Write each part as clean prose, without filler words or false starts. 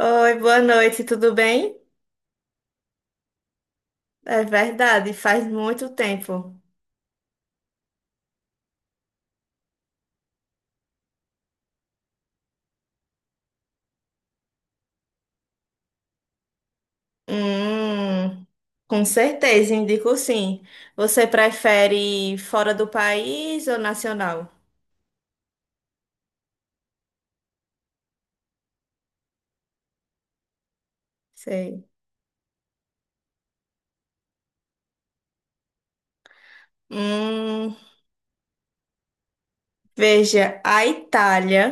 Oi, boa noite, tudo bem? É verdade, faz muito tempo. Hum, com certeza, indico sim. Você prefere fora do país ou nacional? Sei. Hum, veja, a Itália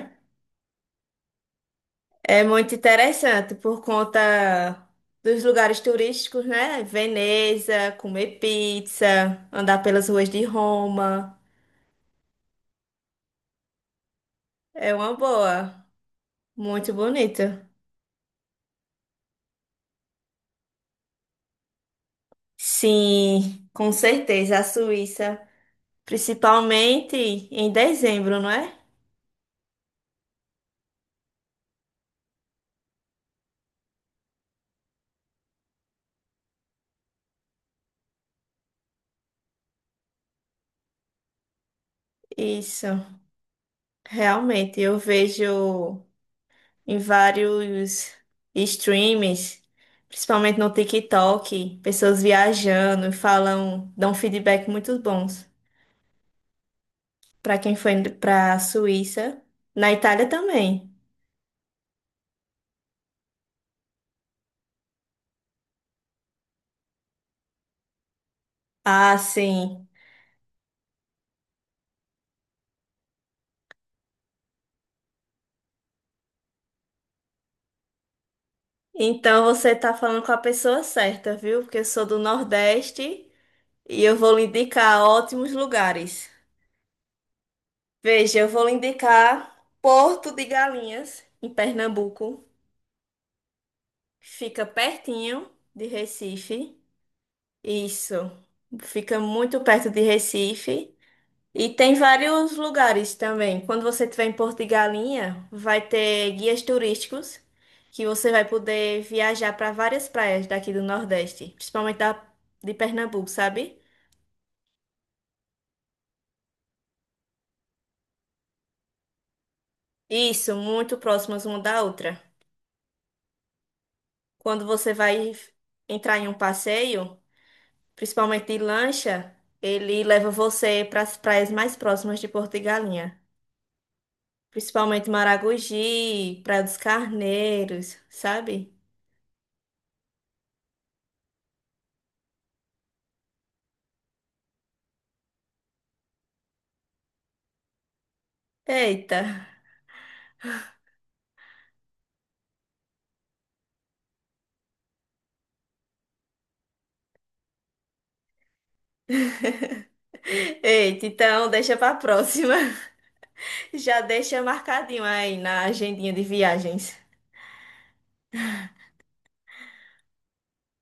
é muito interessante por conta dos lugares turísticos, né? Veneza, comer pizza, andar pelas ruas de Roma. É uma boa, muito bonita. Sim, com certeza, a Suíça, principalmente em dezembro, não é? Isso, realmente, eu vejo em vários streams, principalmente no TikTok, pessoas viajando e falam, dão feedback muito bons para quem foi para a Suíça, na Itália também. Ah, sim. Então você tá falando com a pessoa certa, viu? Porque eu sou do Nordeste. E eu vou lhe indicar ótimos lugares. Veja, eu vou lhe indicar Porto de Galinhas, em Pernambuco. Fica pertinho de Recife. Isso. Fica muito perto de Recife. E tem vários lugares também. Quando você estiver em Porto de Galinha, vai ter guias turísticos que você vai poder viajar para várias praias daqui do Nordeste, principalmente da, de Pernambuco, sabe? Isso, muito próximas uma da outra. Quando você vai entrar em um passeio, principalmente de lancha, ele leva você para as praias mais próximas de Porto e Galinha. Principalmente Maragogi, Praia dos Carneiros, sabe? Eita! Eita, então deixa para próxima. Já deixa marcadinho aí na agendinha de viagens.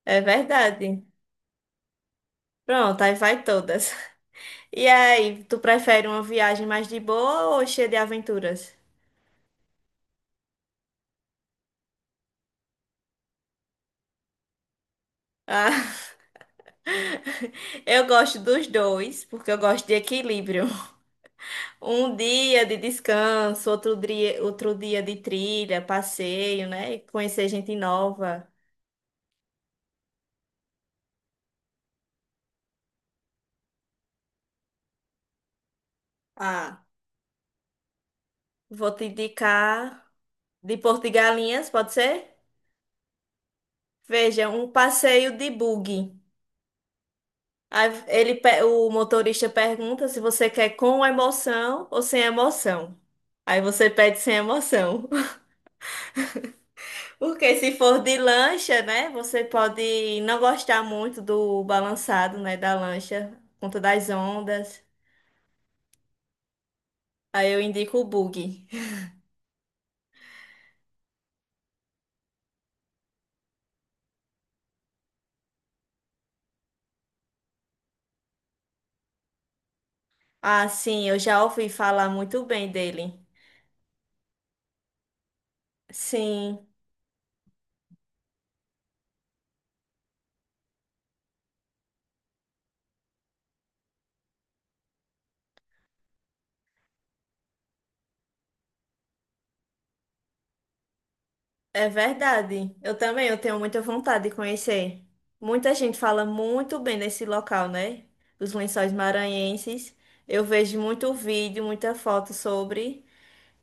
É verdade. Pronto, aí vai todas. E aí, tu prefere uma viagem mais de boa ou cheia de aventuras? Eu gosto dos dois, porque eu gosto de equilíbrio. Um dia de descanso, outro dia de trilha, passeio, né? Conhecer gente nova. Ah, vou te indicar de Porto de Galinhas, pode ser? Veja, um passeio de buggy. Aí ele, o motorista pergunta se você quer com emoção ou sem emoção. Aí você pede sem emoção. Porque se for de lancha, né, você pode não gostar muito do balançado, né, da lancha, por conta das ondas. Aí eu indico o bug. Ah, sim, eu já ouvi falar muito bem dele. Sim, é verdade. Eu também, eu tenho muita vontade de conhecer. Muita gente fala muito bem desse local, né? Os Lençóis Maranhenses. Eu vejo muito vídeo, muita foto sobre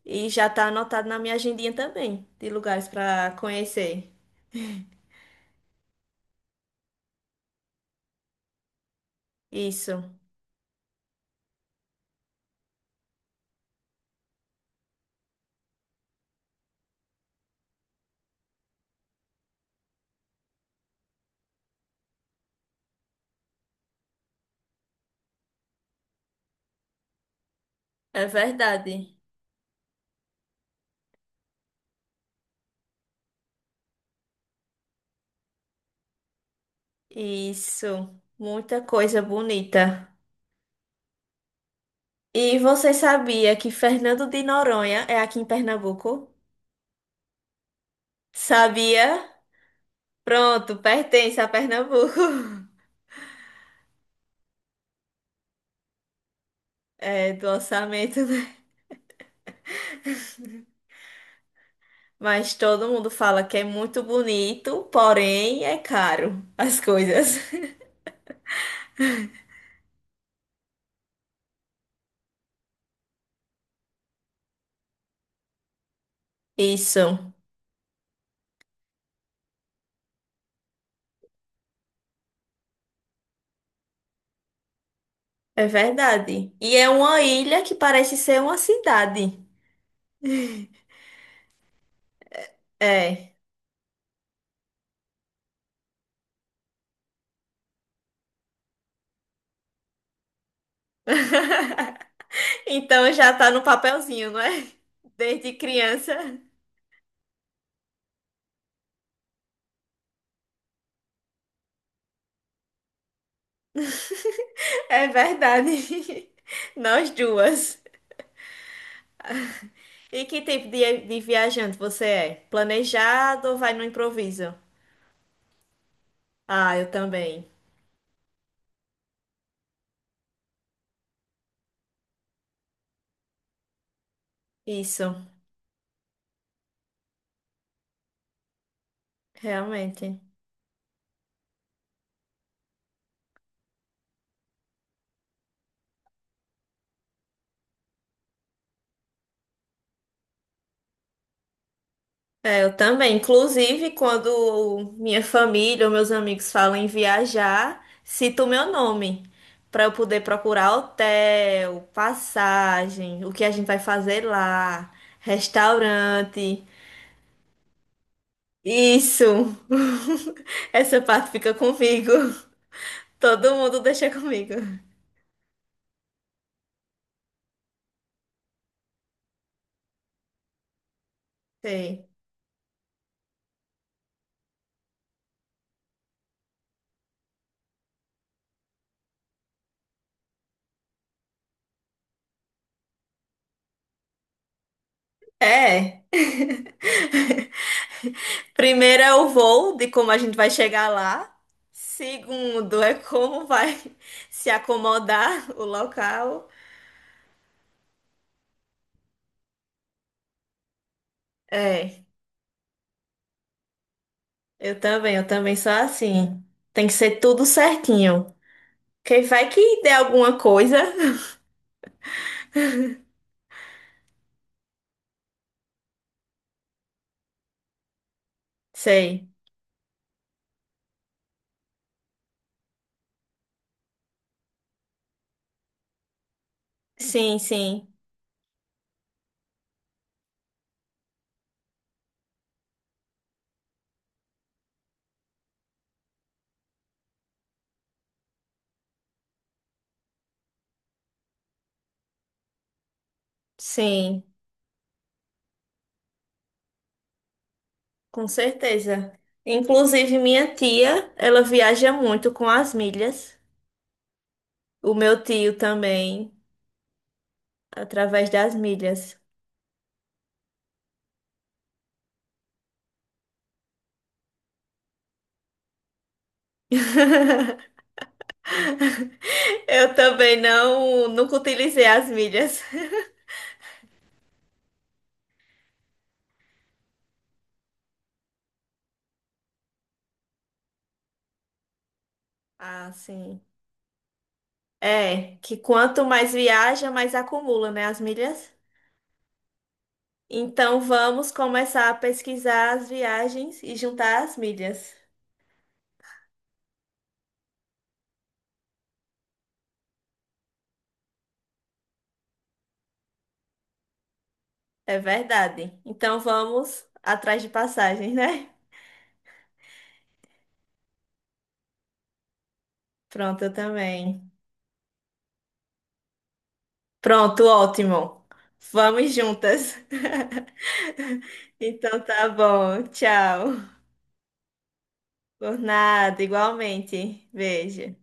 e já tá anotado na minha agendinha também de lugares para conhecer. Isso. É verdade. Isso. Muita coisa bonita. E você sabia que Fernando de Noronha é aqui em Pernambuco? Sabia? Pronto, pertence a Pernambuco. É do orçamento, né? Mas todo mundo fala que é muito bonito, porém é caro as coisas. Isso, é verdade. E é uma ilha que parece ser uma cidade. É. Então já tá no papelzinho, não é? Desde criança. É verdade. Nós duas. E que tipo de viajante você é? Planejado ou vai no improviso? Ah, eu também. Isso, realmente. É, eu também. Inclusive, quando minha família ou meus amigos falam em viajar, cito o meu nome para eu poder procurar hotel, passagem, o que a gente vai fazer lá, restaurante. Isso! Essa parte fica comigo. Todo mundo deixa comigo. Sim. É. Primeiro é o voo, de como a gente vai chegar lá. Segundo é como vai se acomodar o local. É. Eu também sou assim. Tem que ser tudo certinho. Quem vai que der alguma coisa? Sei. Sim, sim. Sim, com certeza. Inclusive, minha tia, ela viaja muito com as milhas. O meu tio também, através das milhas. Eu também não, nunca utilizei as milhas. Ah, sim. É, que quanto mais viaja, mais acumula, né, as milhas? Então vamos começar a pesquisar as viagens e juntar as milhas. É verdade. Então vamos atrás de passagens, né? Pronto, eu também. Pronto, ótimo. Vamos juntas. Então tá bom. Tchau. Por nada, igualmente. Beijo.